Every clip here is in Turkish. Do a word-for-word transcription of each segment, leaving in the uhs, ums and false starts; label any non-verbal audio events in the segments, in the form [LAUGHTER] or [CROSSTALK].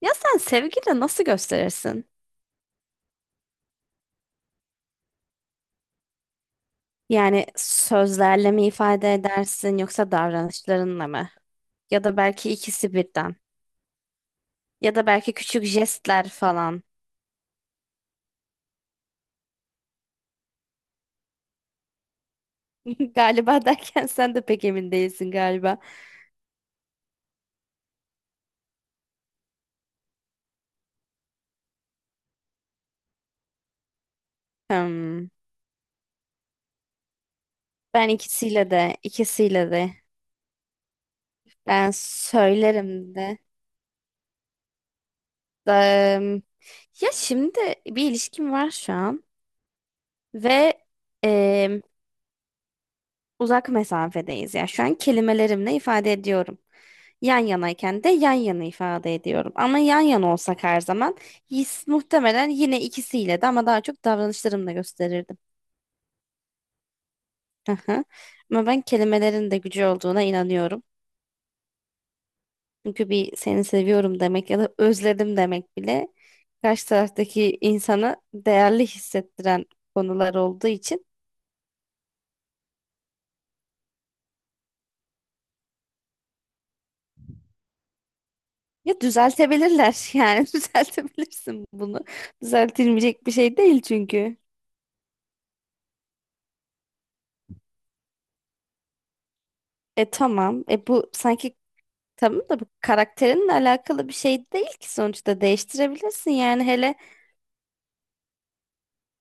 Ya sen sevgiyle nasıl gösterirsin? Yani sözlerle mi ifade edersin yoksa davranışlarınla mı? Ya da belki ikisi birden. Ya da belki küçük jestler falan. [LAUGHS] Galiba derken sen de pek emin değilsin galiba. Hmm. Ben ikisiyle de, ikisiyle de. Ben söylerim de. Da- Ya şimdi bir ilişkim var şu an ve em, uzak mesafedeyiz ya. Şu an kelimelerimle ifade ediyorum. Yan yanayken de yan yana ifade ediyorum. Ama yan yana olsak her zaman his, muhtemelen yine ikisiyle de ama daha çok davranışlarımla gösterirdim. Aha. Ama ben kelimelerin de gücü olduğuna inanıyorum. Çünkü bir seni seviyorum demek ya da özledim demek bile karşı taraftaki insanı değerli hissettiren konular olduğu için ya düzeltebilirler [LAUGHS] yani düzeltebilirsin bunu. Düzeltilmeyecek bir şey değil çünkü. E tamam. E bu sanki tamam da bu karakterinle alakalı bir şey değil ki sonuçta değiştirebilirsin. Yani hele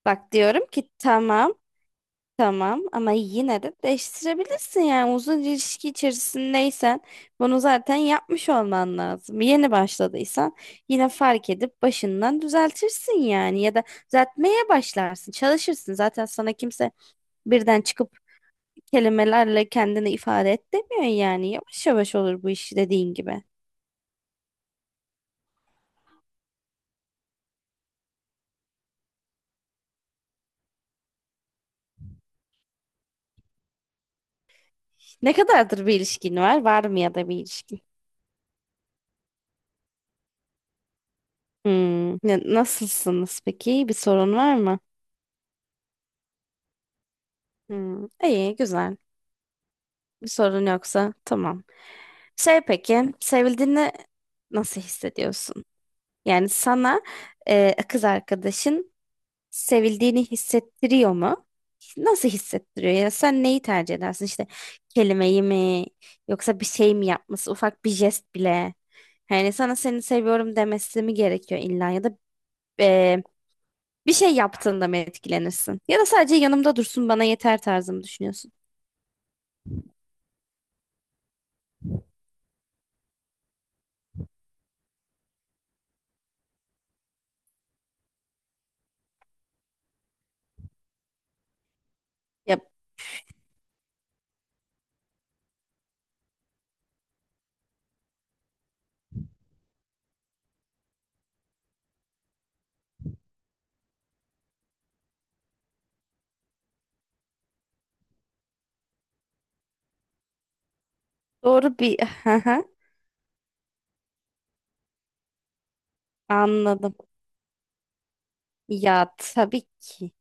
bak diyorum ki tamam tamam ama yine de değiştirebilirsin. Yani uzun ilişki içerisindeysen bunu zaten yapmış olman lazım. Yeni başladıysan yine fark edip başından düzeltirsin yani ya da düzeltmeye başlarsın, çalışırsın. Zaten sana kimse birden çıkıp kelimelerle kendini ifade et demiyor yani. Yavaş yavaş olur bu iş dediğin gibi. Ne kadardır bir ilişkin var? Var mı ya da bir ilişkin? Hmm. Ne- Nasılsınız peki? Bir sorun var mı? Hmm. İyi, güzel. Bir sorun yoksa tamam. Şey peki, sevildiğini nasıl hissediyorsun? Yani sana e, kız arkadaşın sevildiğini hissettiriyor mu? Nasıl hissettiriyor? Yani sen neyi tercih edersin? İşte kelimeyi mi? Yoksa bir şey mi yapması? Ufak bir jest bile. Yani sana seni seviyorum demesi mi gerekiyor illa ya da bir şey yaptığında mı etkilenirsin? Ya da sadece yanımda dursun bana yeter tarzı mı düşünüyorsun? Ya doğru bir [LAUGHS] hı hı, anladım. Ya tabii ki.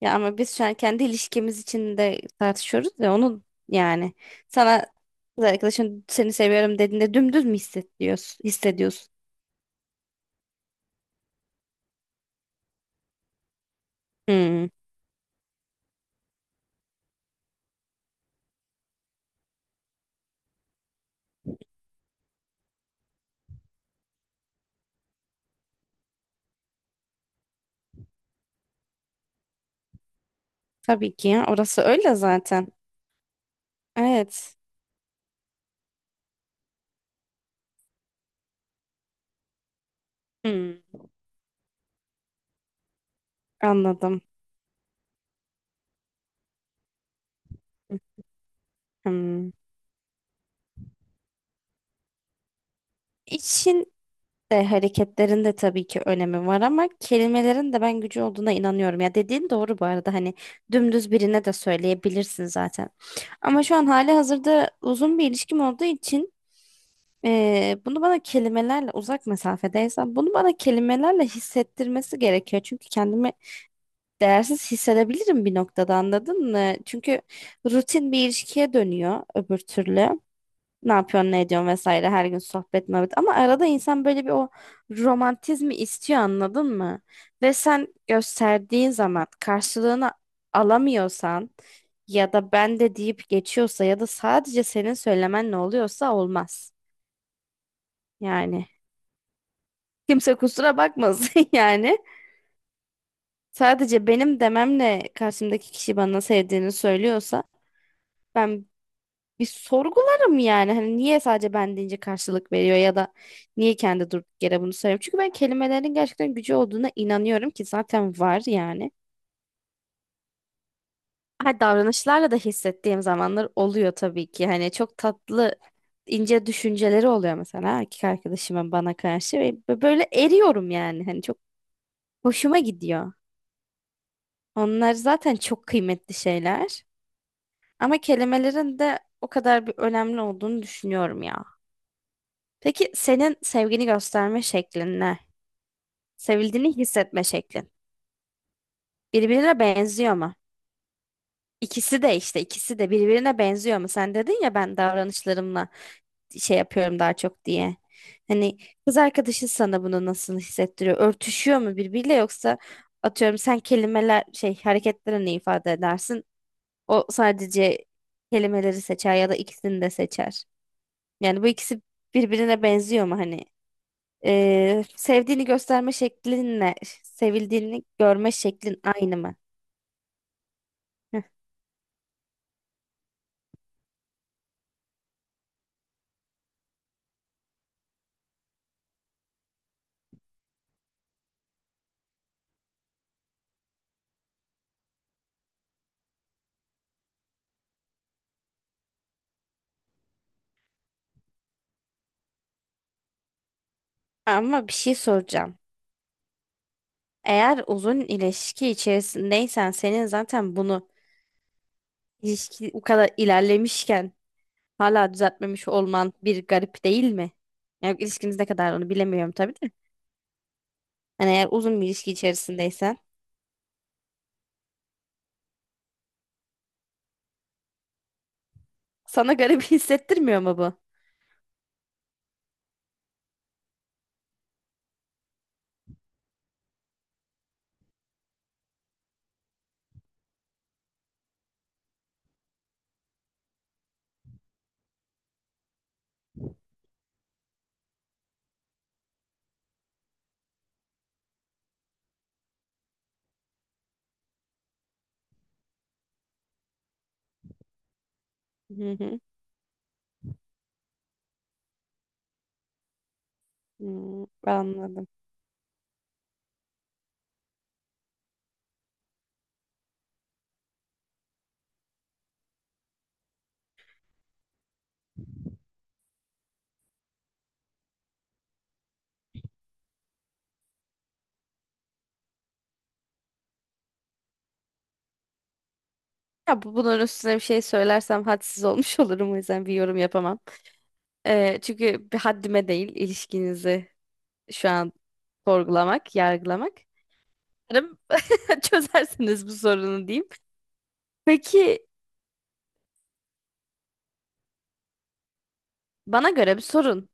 Ya ama biz şu an kendi ilişkimiz içinde tartışıyoruz ve onun yani sana kız arkadaşın seni seviyorum dediğinde dümdüz mü hissediyorsun? Hissediyorsun. Hmm, tabii ki ya orası öyle zaten. Evet. Hmm, anladım. Hmm. İçin de hareketlerin de tabii ki önemi var ama kelimelerin de ben gücü olduğuna inanıyorum. Ya dediğin doğru bu arada hani dümdüz birine de söyleyebilirsin zaten. Ama şu an hali hazırda uzun bir ilişkim olduğu için eee, bunu bana kelimelerle uzak mesafedeysem bunu bana kelimelerle hissettirmesi gerekiyor. Çünkü kendimi değersiz hissedebilirim bir noktada anladın mı? Çünkü rutin bir ilişkiye dönüyor öbür türlü. Ne yapıyorsun, ne ediyorsun vesaire her gün sohbet muhabbet. Ama arada insan böyle bir o romantizmi istiyor anladın mı? Ve sen gösterdiğin zaman karşılığını alamıyorsan ya da ben de deyip geçiyorsa ya da sadece senin söylemen ne oluyorsa olmaz. Yani kimse kusura bakmasın [LAUGHS] yani. Sadece benim dememle karşımdaki kişi bana sevdiğini söylüyorsa ben bir sorgularım yani. Hani niye sadece ben deyince karşılık veriyor ya da niye kendi durduk yere bunu söylüyor. Çünkü ben kelimelerin gerçekten gücü olduğuna inanıyorum ki zaten var yani. Ha, davranışlarla da hissettiğim zamanlar oluyor tabii ki. Hani çok tatlı ince düşünceleri oluyor mesela erkek arkadaşımın bana karşı ve bö- böyle eriyorum yani. Hani çok hoşuma gidiyor. Onlar zaten çok kıymetli şeyler. Ama kelimelerin de o kadar bir önemli olduğunu düşünüyorum ya. Peki senin sevgini gösterme şeklin ne? Sevildiğini hissetme şeklin. Birbirine benziyor mu? İkisi de işte ikisi de birbirine benziyor mu? Sen dedin ya ben davranışlarımla şey yapıyorum daha çok diye. Hani kız arkadaşın sana bunu nasıl hissettiriyor? Örtüşüyor mu birbiriyle yoksa atıyorum sen kelimeler şey hareketlerini ifade edersin. O sadece kelimeleri seçer ya da ikisini de seçer. Yani bu ikisi birbirine benziyor mu hani? Ee, sevdiğini gösterme şeklinle sevildiğini görme şeklin aynı mı? Heh. Ama bir şey soracağım. Eğer uzun ilişki içerisindeysen senin zaten bunu ilişki bu kadar ilerlemişken hala düzeltmemiş olman bir garip değil mi? Yani ilişkiniz ne kadar onu bilemiyorum tabii de. Hani eğer uzun bir ilişki içerisindeysen sana garip [LAUGHS] hissettirmiyor mu bu? Hı hı. Hmm, anladım. Ya bu, bunun üstüne bir şey söylersem hadsiz olmuş [LAUGHS] olurum o yüzden bir yorum yapamam. Ee, çünkü bir haddime değil ilişkinizi şu an sorgulamak, yargılamak. Umarım [LAUGHS] çözersiniz bu sorunu diyeyim. Peki bana göre bir sorun.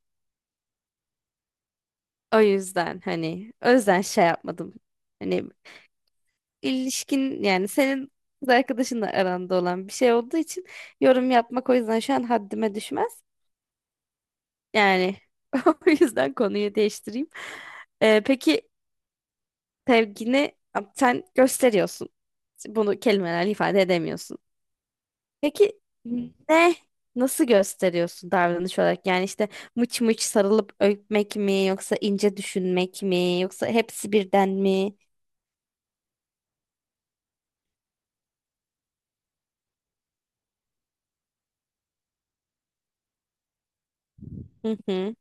O yüzden hani o yüzden şey yapmadım. Hani ilişkin yani senin kız arkadaşınla aranda olan bir şey olduğu için yorum yapmak o yüzden şu an haddime düşmez. Yani [LAUGHS] o yüzden konuyu değiştireyim. Ee, peki sevgini sen gösteriyorsun. Bunu kelimelerle ifade edemiyorsun. Peki ne nasıl gösteriyorsun davranış olarak? Yani işte mıç mıç sarılıp öpmek mi yoksa ince düşünmek mi yoksa hepsi birden mi? Hı hı.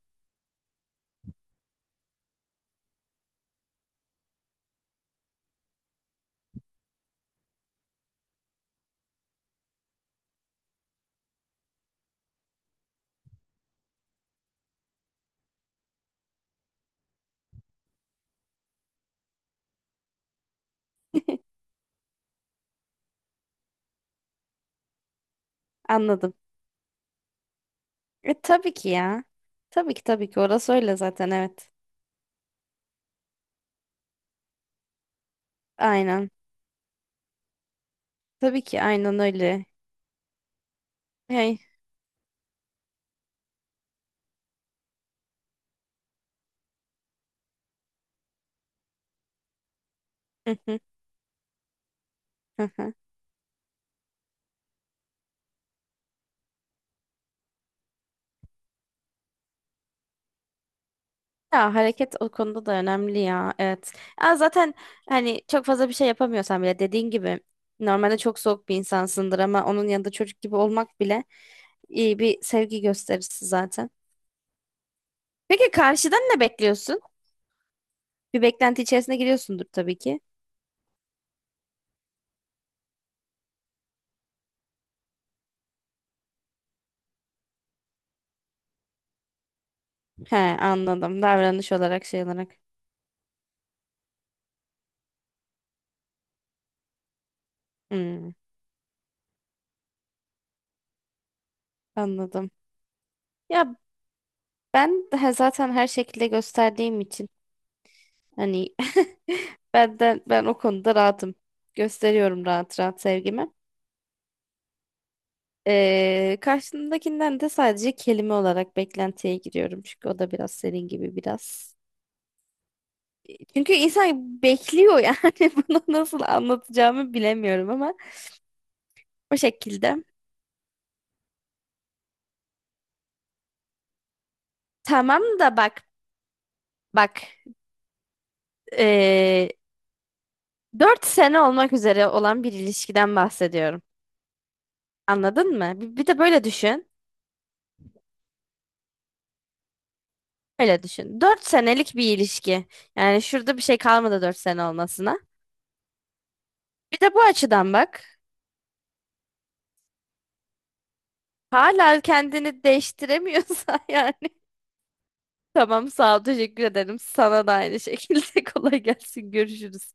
Anladım. E, tabii ki ya. Tabii ki tabii ki orası öyle zaten evet. Aynen. Tabii ki aynen öyle. Hey. Hı hı, hı hı. Ya hareket o konuda da önemli ya. Evet. Ya zaten hani çok fazla bir şey yapamıyorsan bile dediğin gibi normalde çok soğuk bir insansındır ama onun yanında çocuk gibi olmak bile iyi bir sevgi gösterisi zaten. Peki karşıdan ne bekliyorsun? Bir beklenti içerisine giriyorsundur tabii ki. He anladım. Davranış olarak şey olarak. Hmm, anladım. Ya ben daha zaten her şekilde gösterdiğim için hani [LAUGHS] benden ben o konuda rahatım. Gösteriyorum rahat rahat sevgimi. Ee, karşımdakinden de sadece kelime olarak beklentiye giriyorum. Çünkü o da biraz senin gibi biraz. Çünkü insan bekliyor yani [LAUGHS] bunu nasıl anlatacağımı bilemiyorum ama o şekilde. Tamam da bak bak ee, dört sene olmak üzere olan bir ilişkiden bahsediyorum. Anladın mı? Bir bir de böyle düşün. Öyle düşün. Dört senelik bir ilişki. Yani şurada bir şey kalmadı dört sene olmasına. Bir de bu açıdan bak. Hala kendini değiştiremiyorsa [LAUGHS] yani tamam sağ ol teşekkür ederim. Sana da aynı şekilde [LAUGHS] kolay gelsin görüşürüz.